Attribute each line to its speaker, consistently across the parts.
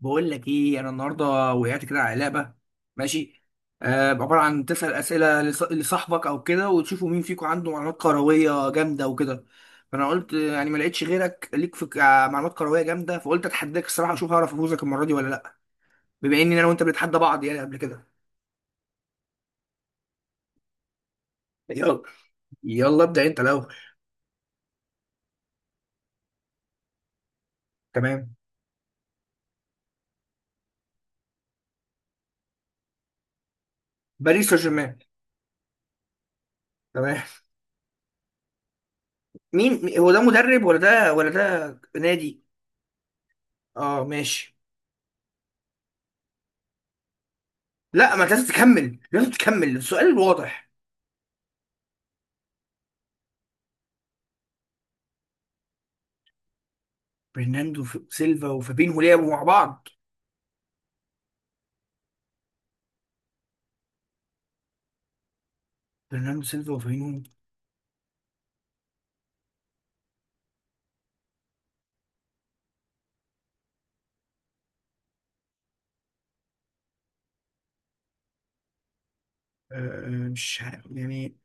Speaker 1: بقول لك ايه انا النهارده وقعت كده على لعبه. ماشي. آه عباره عن تسال اسئله لصاحبك او كده وتشوفوا مين فيكم عنده معلومات كرويه جامده وكده. فانا قلت يعني ما لقيتش غيرك ليك في معلومات كرويه جامده، فقلت اتحداك الصراحه اشوف هعرف افوزك المره دي ولا لا. بما اني انا وانت بنتحدى بعض يعني قبل كده. يلا، يلا ابدا انت الاول. تمام. باريس سان جيرمان. تمام. هو ده مدرب ولا ده ولا ده نادي؟ اه ماشي. لا ما انت لازم تكمل، لازم تكمل السؤال واضح. برناندو سيلفا وفابينهو لعبوا مع بعض؟ برناندو سيلفا وفابينهو. آه، مش عارف يعني.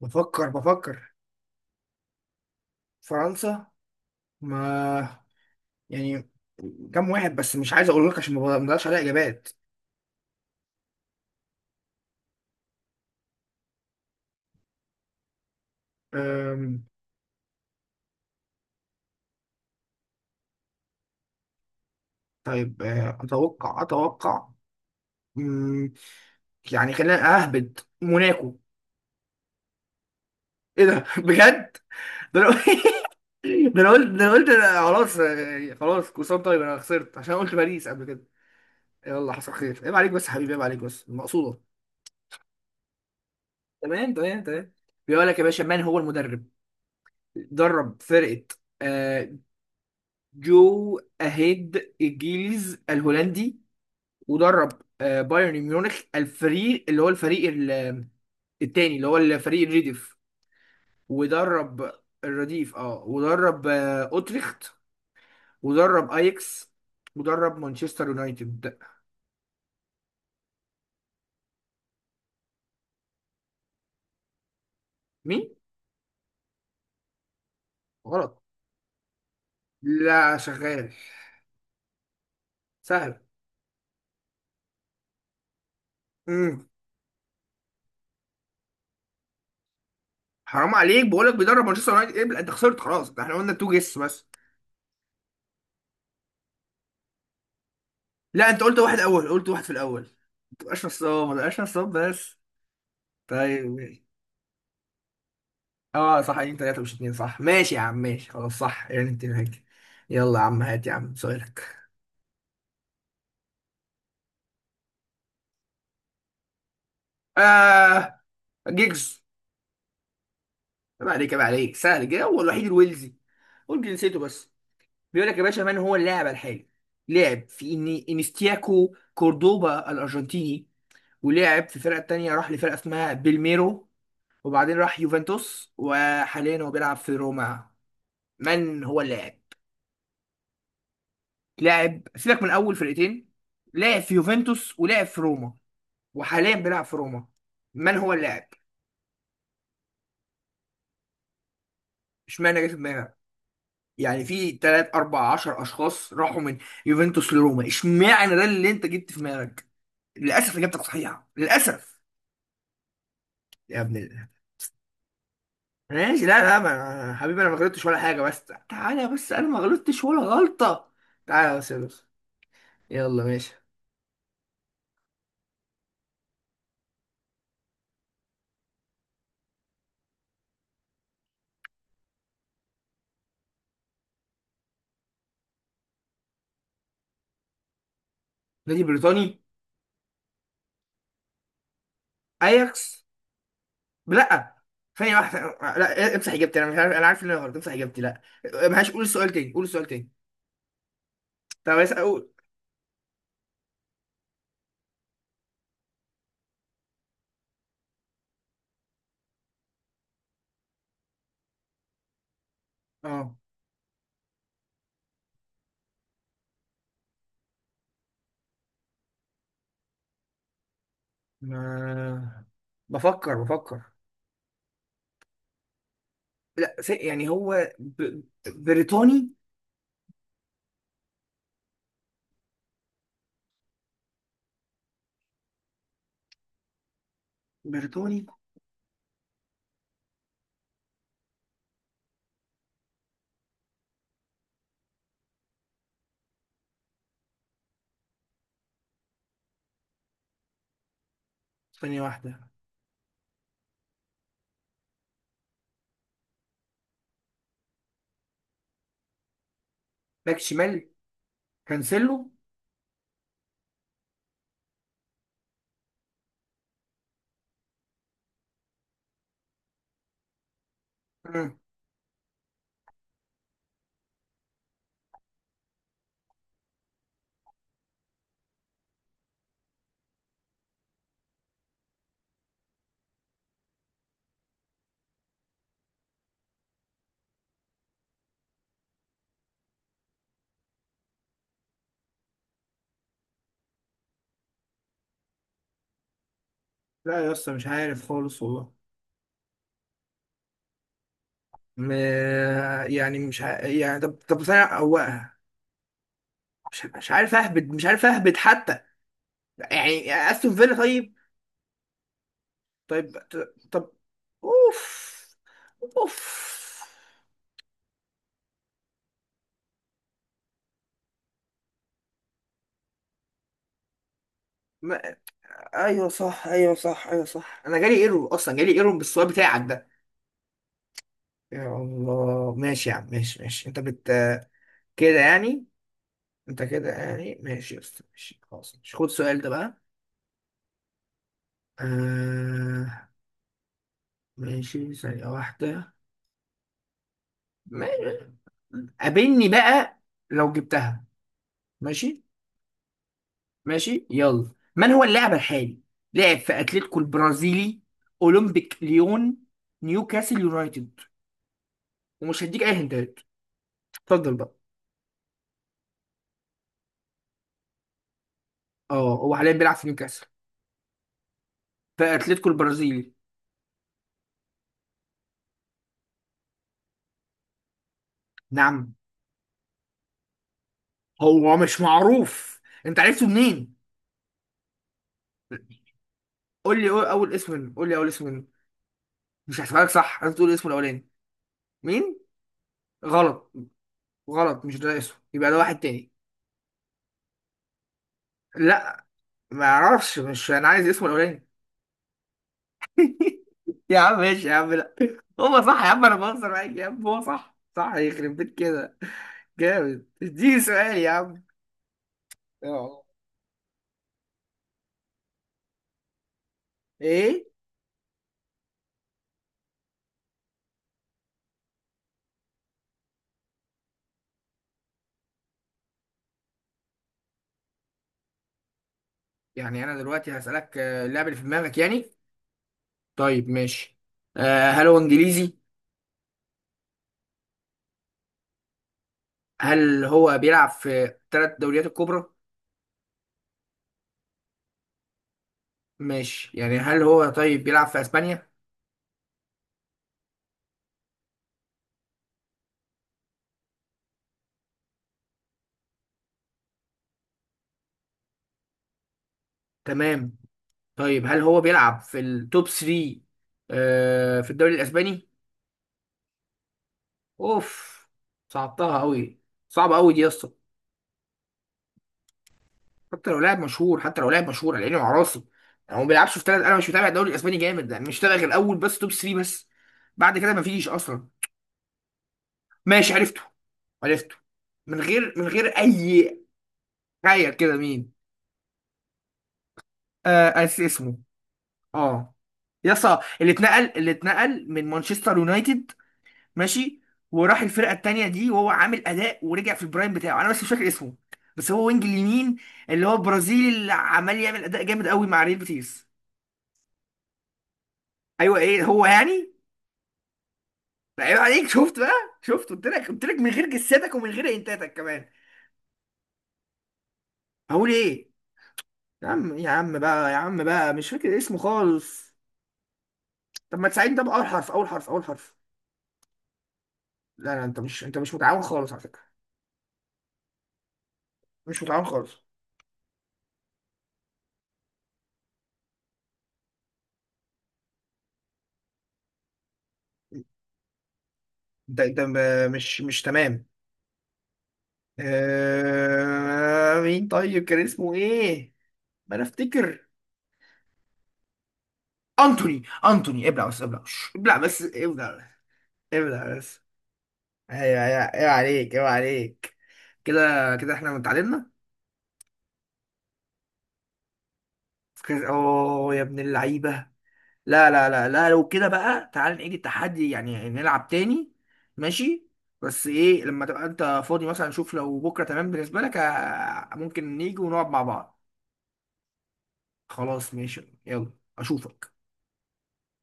Speaker 1: بفكر. فرنسا. ما يعني كام واحد، بس مش عايز اقول لك عشان ما بقدرش عليها اجابات. آم، طيب اتوقع اتوقع. مم، يعني خلينا اهبد موناكو. ايه ده بجد؟ ده انا. ده انا قلت أنا خلاص، خلاص كوسام. طيب انا خسرت عشان قلت باريس قبل كده. يلا حصل خير. عيب عليك بس يا حبيبي، عيب عليك بس المقصوده. تمام تمام تمام. بيقول لك يا باشا: من هو المدرب؟ درب فرقة آه، جو أهيد الجيلز الهولندي، ودرب بايرن ميونخ، الفريق اللي هو الفريق التاني اللي هو الفريق الرديف، ودرب الرديف اه، ودرب اوتريخت، ودرب اياكس، ودرب مانشستر يونايتد. مين؟ غلط. لا شغال. سهل. امم. حرام عليك، بقول لك بيدرب مانشستر يونايتد. ابلع، انت خسرت خلاص. ده احنا قلنا تو جيس بس. لا انت قلت واحد اول، قلت واحد في الاول. ما تبقاش نصاب، ما تبقاش نصاب بس. طيب ماشي. اه صح، اتنين تلاته مش اتنين صح. ماشي يا عم، ماشي خلاص صح، يعني اتنين هيك. يلا يا عم، هات يا عم سؤالك. آه. جيجز. عيب عليك، عيب عليك، سهل جه، هو الوحيد الويلزي. قول جنسيته بس. بيقول لك يا باشا: من هو اللاعب الحالي؟ لعب في إني انستياكو كوردوبا الارجنتيني، ولعب في الفرقه التانيه، راح لفرقه اسمها بالميرو، وبعدين راح يوفنتوس، وحاليا هو بيلعب في روما. من هو اللاعب؟ لعب، سيبك من اول فرقتين. لعب في يوفنتوس، ولعب في روما، وحاليا بيلعب في روما. من هو اللاعب؟ اشمعنى جه في دماغك؟ يعني في 3 4 10 اشخاص راحوا من يوفنتوس لروما، اشمعنى ده اللي انت جبت في دماغك؟ للاسف اجابتك صحيحه للاسف. يا ابن ماشي. لا لا، ما حبيبي انا ما غلطتش ولا حاجه، بس تعالى بس، انا ما غلطتش ولا غلطه. تعالى بس يا باشا. يلا ماشي. نادي بريطاني. اياكس. لا. ثانية واحدة. لا امسح اجابتي، انا مش عارف، انا عارف ان انا غلط، امسح اجابتي، لا. معلش، قول السؤال تاني، قول السؤال تاني. طب بس اقول اه. ما... بفكر. لا يعني هو بريطاني. بريطاني. ثانية واحدة. باك شمال. كانسيلو. مم. لا يا اسطى، مش عارف خالص والله. م... يعني مش يعني طب طب، ثانية هو. مش مش عارف اهبد، مش عارف اهبد حتى. يعني استون فيلا طيب؟ طيب طب. اوف. اوف. ما... ايوه صح، ايوه صح، ايوه صح. انا جالي ايرور اصلا، جالي ايرور بالسؤال بتاعك ده. يا الله ماشي يا عم، ماشي ماشي، انت بت كده يعني. انت كده يعني ماشي يا اسطى، ماشي خلاص، مش خد السؤال ده بقى. آه... ماشي، ثانية واحدة. ماشي. قابلني بقى لو جبتها. ماشي. ماشي يلا. من هو اللاعب الحالي؟ لعب في اتلتيكو البرازيلي، اولمبيك ليون، نيوكاسل يونايتد. ومش هديك اي هنتات، اتفضل بقى. اه هو حاليا بيلعب في نيوكاسل. في اتلتيكو البرازيلي. نعم. هو مش معروف، انت عرفته منين؟ قول لي أول اسم منه، قول لي أول اسم منه. مش هحسبها لك صح، لازم تقول اسمه الأولاني. مين؟ غلط. غلط، مش ده اسمه، يبقى ده واحد تاني. لا، ما أعرفش، مش أنا عايز اسمه الأولاني. يا عم ماشي يا عم، لا. هو صح يا عم، انا بهزر معاك يا عم، هو صح صح، يخرب بيت كده. جامد، اديني سؤال يا عم. اه. ايه يعني انا دلوقتي هسألك اللعب اللي في دماغك يعني؟ طيب ماشي. هل هو انجليزي؟ هل هو بيلعب في ثلاث دوريات الكبرى؟ ماشي، يعني هل هو طيب بيلعب في اسبانيا؟ تمام. طيب هل هو بيلعب في التوب 3 في الدوري الاسباني؟ اوف. صعبتها قوي، صعبة قوي دي يا اسطى. حتى لو لاعب مشهور، حتى لو لاعب مشهور على عيني وعلى راسي. يعني هو ما بيلعبش في ثلاث، انا مش متابع الدوري الاسباني جامد، يعني مش متابع غير الاول بس، توب 3 بس، بعد كده ما فيش اصلا. ماشي عرفته، عرفته. من غير، من غير اي تخيل كده مين. آه أس اسمه اه، يسا، اللي اتنقل من مانشستر يونايتد. ماشي. وراح الفرقه التانيه دي، وهو عامل اداء ورجع في البرايم بتاعه، انا بس مش فاكر اسمه. بس هو وينج اليمين، اللي هو برازيلي، اللي عمال يعمل اداء جامد قوي مع ريال بيتيس. ايوه، ايه هو يعني؟ ده عيب عليك، شفت بقى؟ شفت قلت لك، قلت لك من غير جساتك ومن غير انتاتك كمان. هقول ايه؟ يا عم يا عم بقى، يا عم بقى مش فاكر اسمه خالص. طب ما تساعدني ده بأول حرف، أول حرف، أول حرف. لا لا، أنت مش أنت مش متعاون خالص على فكرة، مش متعاون خالص. أنت أنت مش تمام. مين طيب، كان اسمه إيه؟ ما أنا أفتكر. أنتوني، أنتوني، ابلع بس، ابلع شش، ابلع بس، ابلع بس. ابلع بس. أيوه أيوه أيوه عليك، أيوه عليك. كده كده إحنا متعادلنا. اه يا ابن اللعيبه. لا لا لا لا، لو كده بقى تعال نعيد التحدي يعني، نلعب تاني. ماشي. بس ايه، لما تبقى انت فاضي مثلا شوف، لو بكره تمام بالنسبه لك ممكن نيجي ونقعد مع بعض. خلاص ماشي. يلا. اشوفك.